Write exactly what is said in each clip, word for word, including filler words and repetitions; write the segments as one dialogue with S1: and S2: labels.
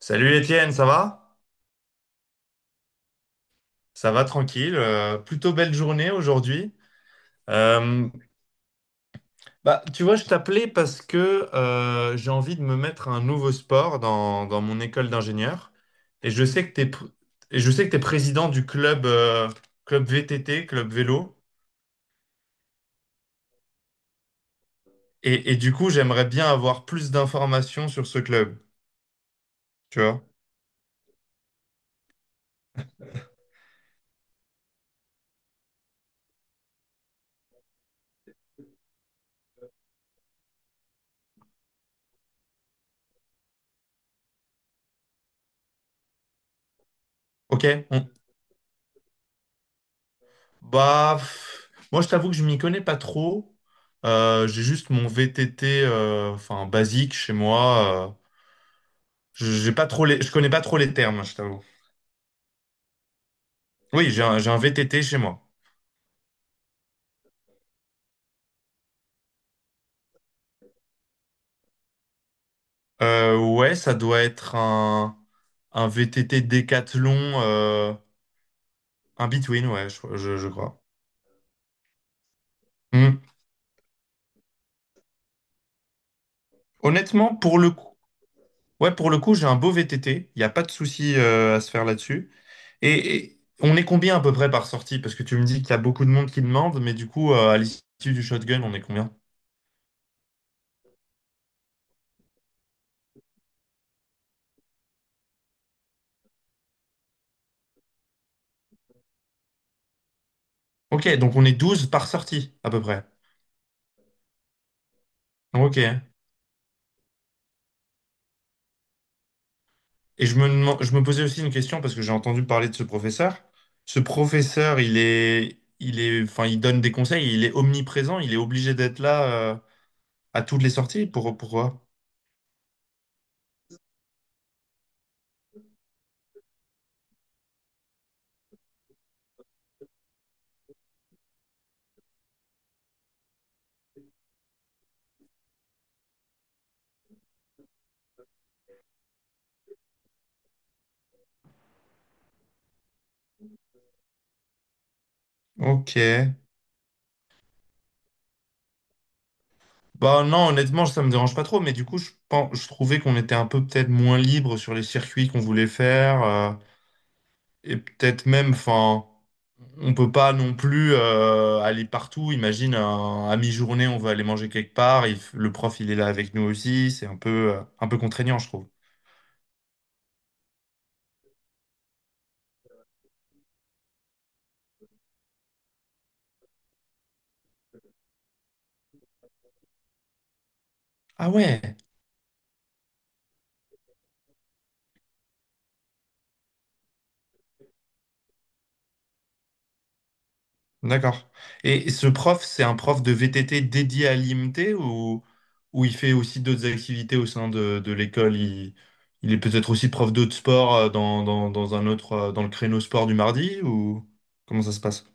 S1: Salut Étienne, ça va? Ça va tranquille, euh, plutôt belle journée aujourd'hui. Euh, Bah, tu vois, je t'appelais parce que euh, j'ai envie de me mettre un nouveau sport dans, dans mon école d'ingénieur. Et je sais que t'es, pr- et je sais que t'es président du club, euh, club V T T, club vélo. Et, et, du coup, j'aimerais bien avoir plus d'informations sur ce club. Tu vois? Ok? Bah, pff, moi, je t'avoue que je m'y connais pas trop. Euh, j'ai juste mon V T T, euh, enfin, basique chez moi. Euh, je j'ai pas trop les, je connais pas trop les termes, je t'avoue. Oui, j'ai un, j'ai un V T T chez moi. Euh, ouais, ça doit être un, un V T T Décathlon, euh, un Between, ouais, je, je- je crois. Hmm. Honnêtement, pour le coup, ouais, pour le coup, j'ai un beau V T T. Il n'y a pas de souci, euh, à se faire là-dessus. Et, et on est combien à peu près par sortie? Parce que tu me dis qu'il y a beaucoup de monde qui demande, mais du coup, euh, à l'issue du shotgun, on est combien? Ok, donc on est douze par sortie, à peu près. Ok. Et je me, deman- je me posais aussi une question parce que j'ai entendu parler de ce professeur. Ce professeur, il est, il est, enfin, il donne des conseils, il est omniprésent, il est obligé d'être là, euh, à toutes les sorties. Pour, pourquoi? Ok. Bah non, honnêtement, ça me dérange pas trop, mais du coup, je pense, je trouvais qu'on était un peu peut-être moins libre sur les circuits qu'on voulait faire. euh, Et peut-être même, enfin, on peut pas non plus euh, aller partout. Imagine, un- à mi-journée, on veut aller manger quelque part. Il f- le prof, il est là avec nous aussi. C'est un peu, euh, un peu contraignant, je trouve. Ah ouais, d'accord. Et ce prof, c'est un prof de V T T dédié à l'I M T ou, ou il fait aussi d'autres activités au sein de, de l'école? Il, il est peut-être aussi prof d'autres sports euh, dans, dans, dans un autre, euh, dans le créneau sport du mardi ou comment ça se passe?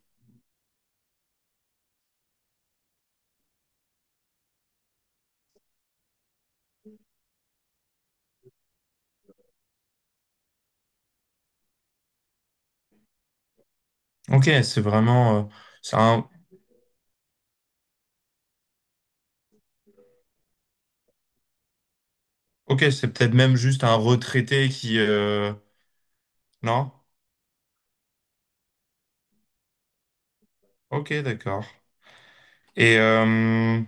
S1: Ok, c'est vraiment... euh, c'est un- Ok, c'est peut-être même juste un retraité qui... euh, Non? Ok, d'accord. Et, euh,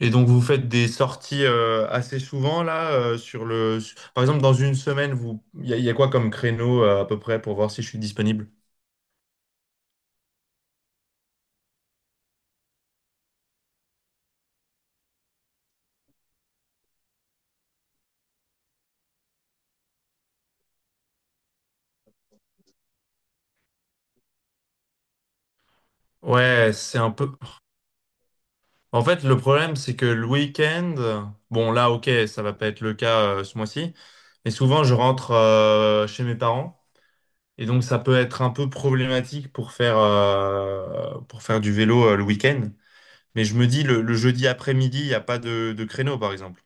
S1: et donc vous faites des sorties euh, assez souvent là euh, sur le... su- Par exemple, dans une semaine, vous... Il y, a y a quoi comme créneau euh, à peu près pour voir si je suis disponible? Ouais, c'est un peu... En fait, le problème, c'est que le week-end... Bon, là, ok, ça va pas être le cas euh, ce mois-ci. Mais souvent, je rentre euh, chez mes parents. Et donc, ça peut être un peu problématique pour faire, euh, pour faire du vélo euh, le week-end. Mais je me dis, le, le jeudi après-midi, il n'y a pas de, de créneau, par exemple.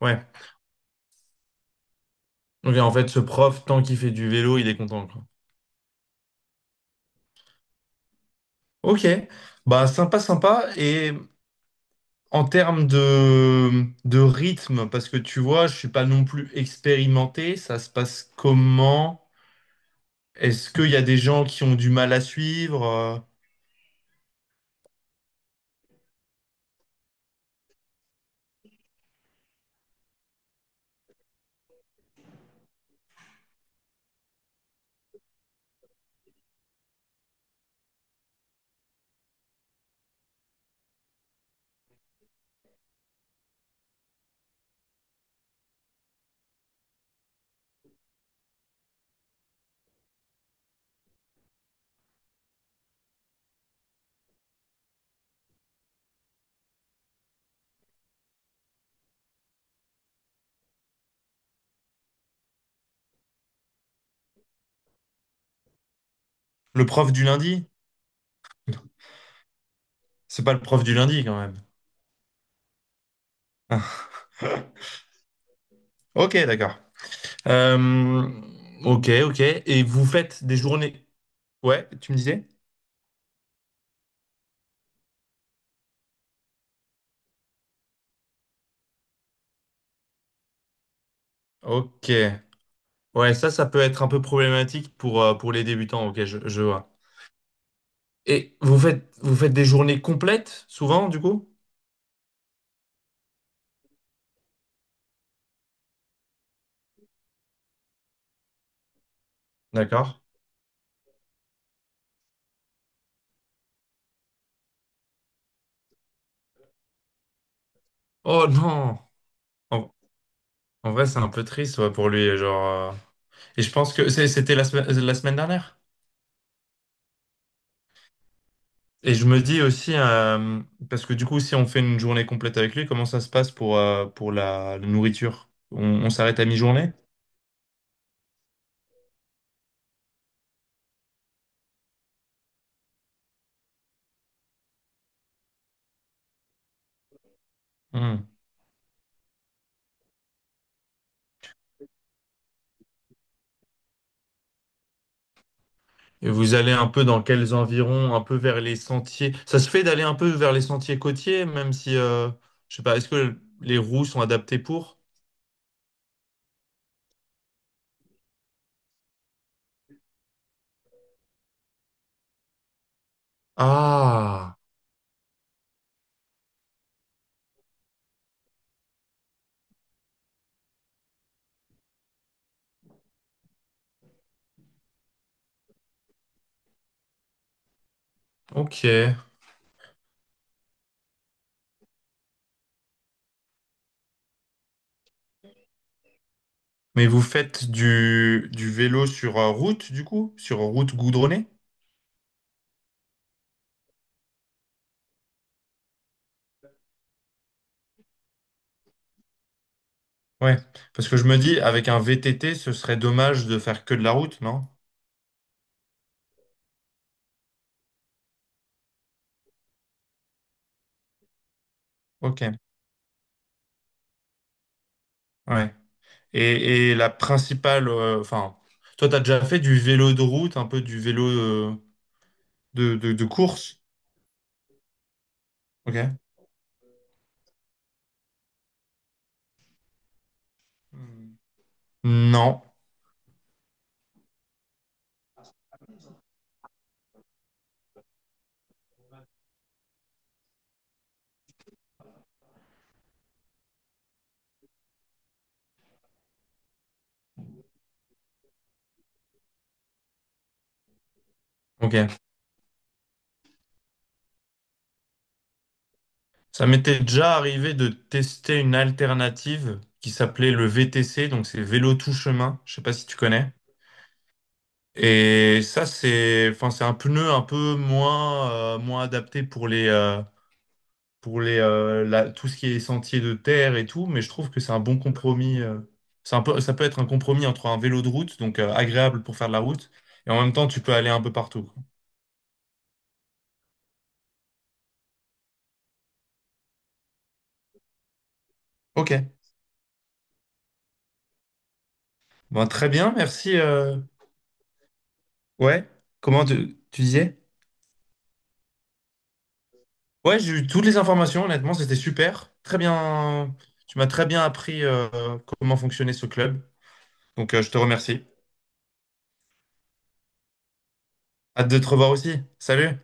S1: Ouais. Ok, en fait, ce prof, tant qu'il fait du vélo, il est content, quoi. Ok. Bah, sympa, sympa. Et en termes de, de rythme, parce que tu vois, je suis pas non plus expérimenté, ça se passe comment? Est-ce qu'il y a des gens qui ont du mal à suivre? euh, Le prof du lundi? C'est pas le prof du lundi, quand même. Ah. Ok, d'accord. Euh, ok, ok. Et vous faites des journées... Ouais, tu me disais? Ok. Ouais, ça, ça peut être un peu problématique pour, euh, pour les débutants. Ok, je, je vois. Et vous faites, vous faites des journées complètes, souvent, du coup? D'accord. Oh non! En, en vrai, c'est un peu triste ouais, pour lui. Genre, euh, Et je pense que c'est- c'était la, semaine- la semaine dernière. Et je me dis aussi, euh, parce que du coup, si on fait une journée complète avec lui, comment ça se passe pour, euh, pour la, la nourriture? On, on s'arrête à mi-journée? Hmm. Et vous allez un peu dans quels environs, un peu vers les sentiers. Ça se fait d'aller un peu vers les sentiers côtiers, même si, euh, je sais pas, est-ce que les roues sont adaptées pour? Ah, ok. Mais vous faites du, du vélo sur euh, route, du coup? Sur route goudronnée? Ouais. Parce que je me dis, avec un V T T, ce serait dommage de faire que de la route, non? Ok, ouais. Et, et la principale, euh, enfin, toi, t'as déjà fait du vélo de route, un peu du vélo euh, de, de, de course? Ok. Hmm. Non. Ok. Ça m'était déjà arrivé de tester une alternative qui s'appelait le V T C, donc c'est vélo tout chemin. Je sais pas si tu connais. Et ça, c'est, enfin, c'est un pneu un peu moins, euh, moins adapté pour les, euh, pour les, euh, la- tout ce qui est sentier de terre et tout, mais je trouve que c'est un bon compromis. euh. C'est un peu, ça peut être un compromis entre un vélo de route, donc euh, agréable pour faire de la route, et en même temps, tu peux aller un peu partout. Quoi. Ok. Bon, très bien, merci. euh. Ouais. Comment tu, tu disais? Ouais, j'ai eu toutes les informations, honnêtement, c'était super. Très bien. Tu m'as très bien appris euh, comment fonctionnait ce club. Donc, euh, je te remercie. Hâte de te revoir aussi. Salut!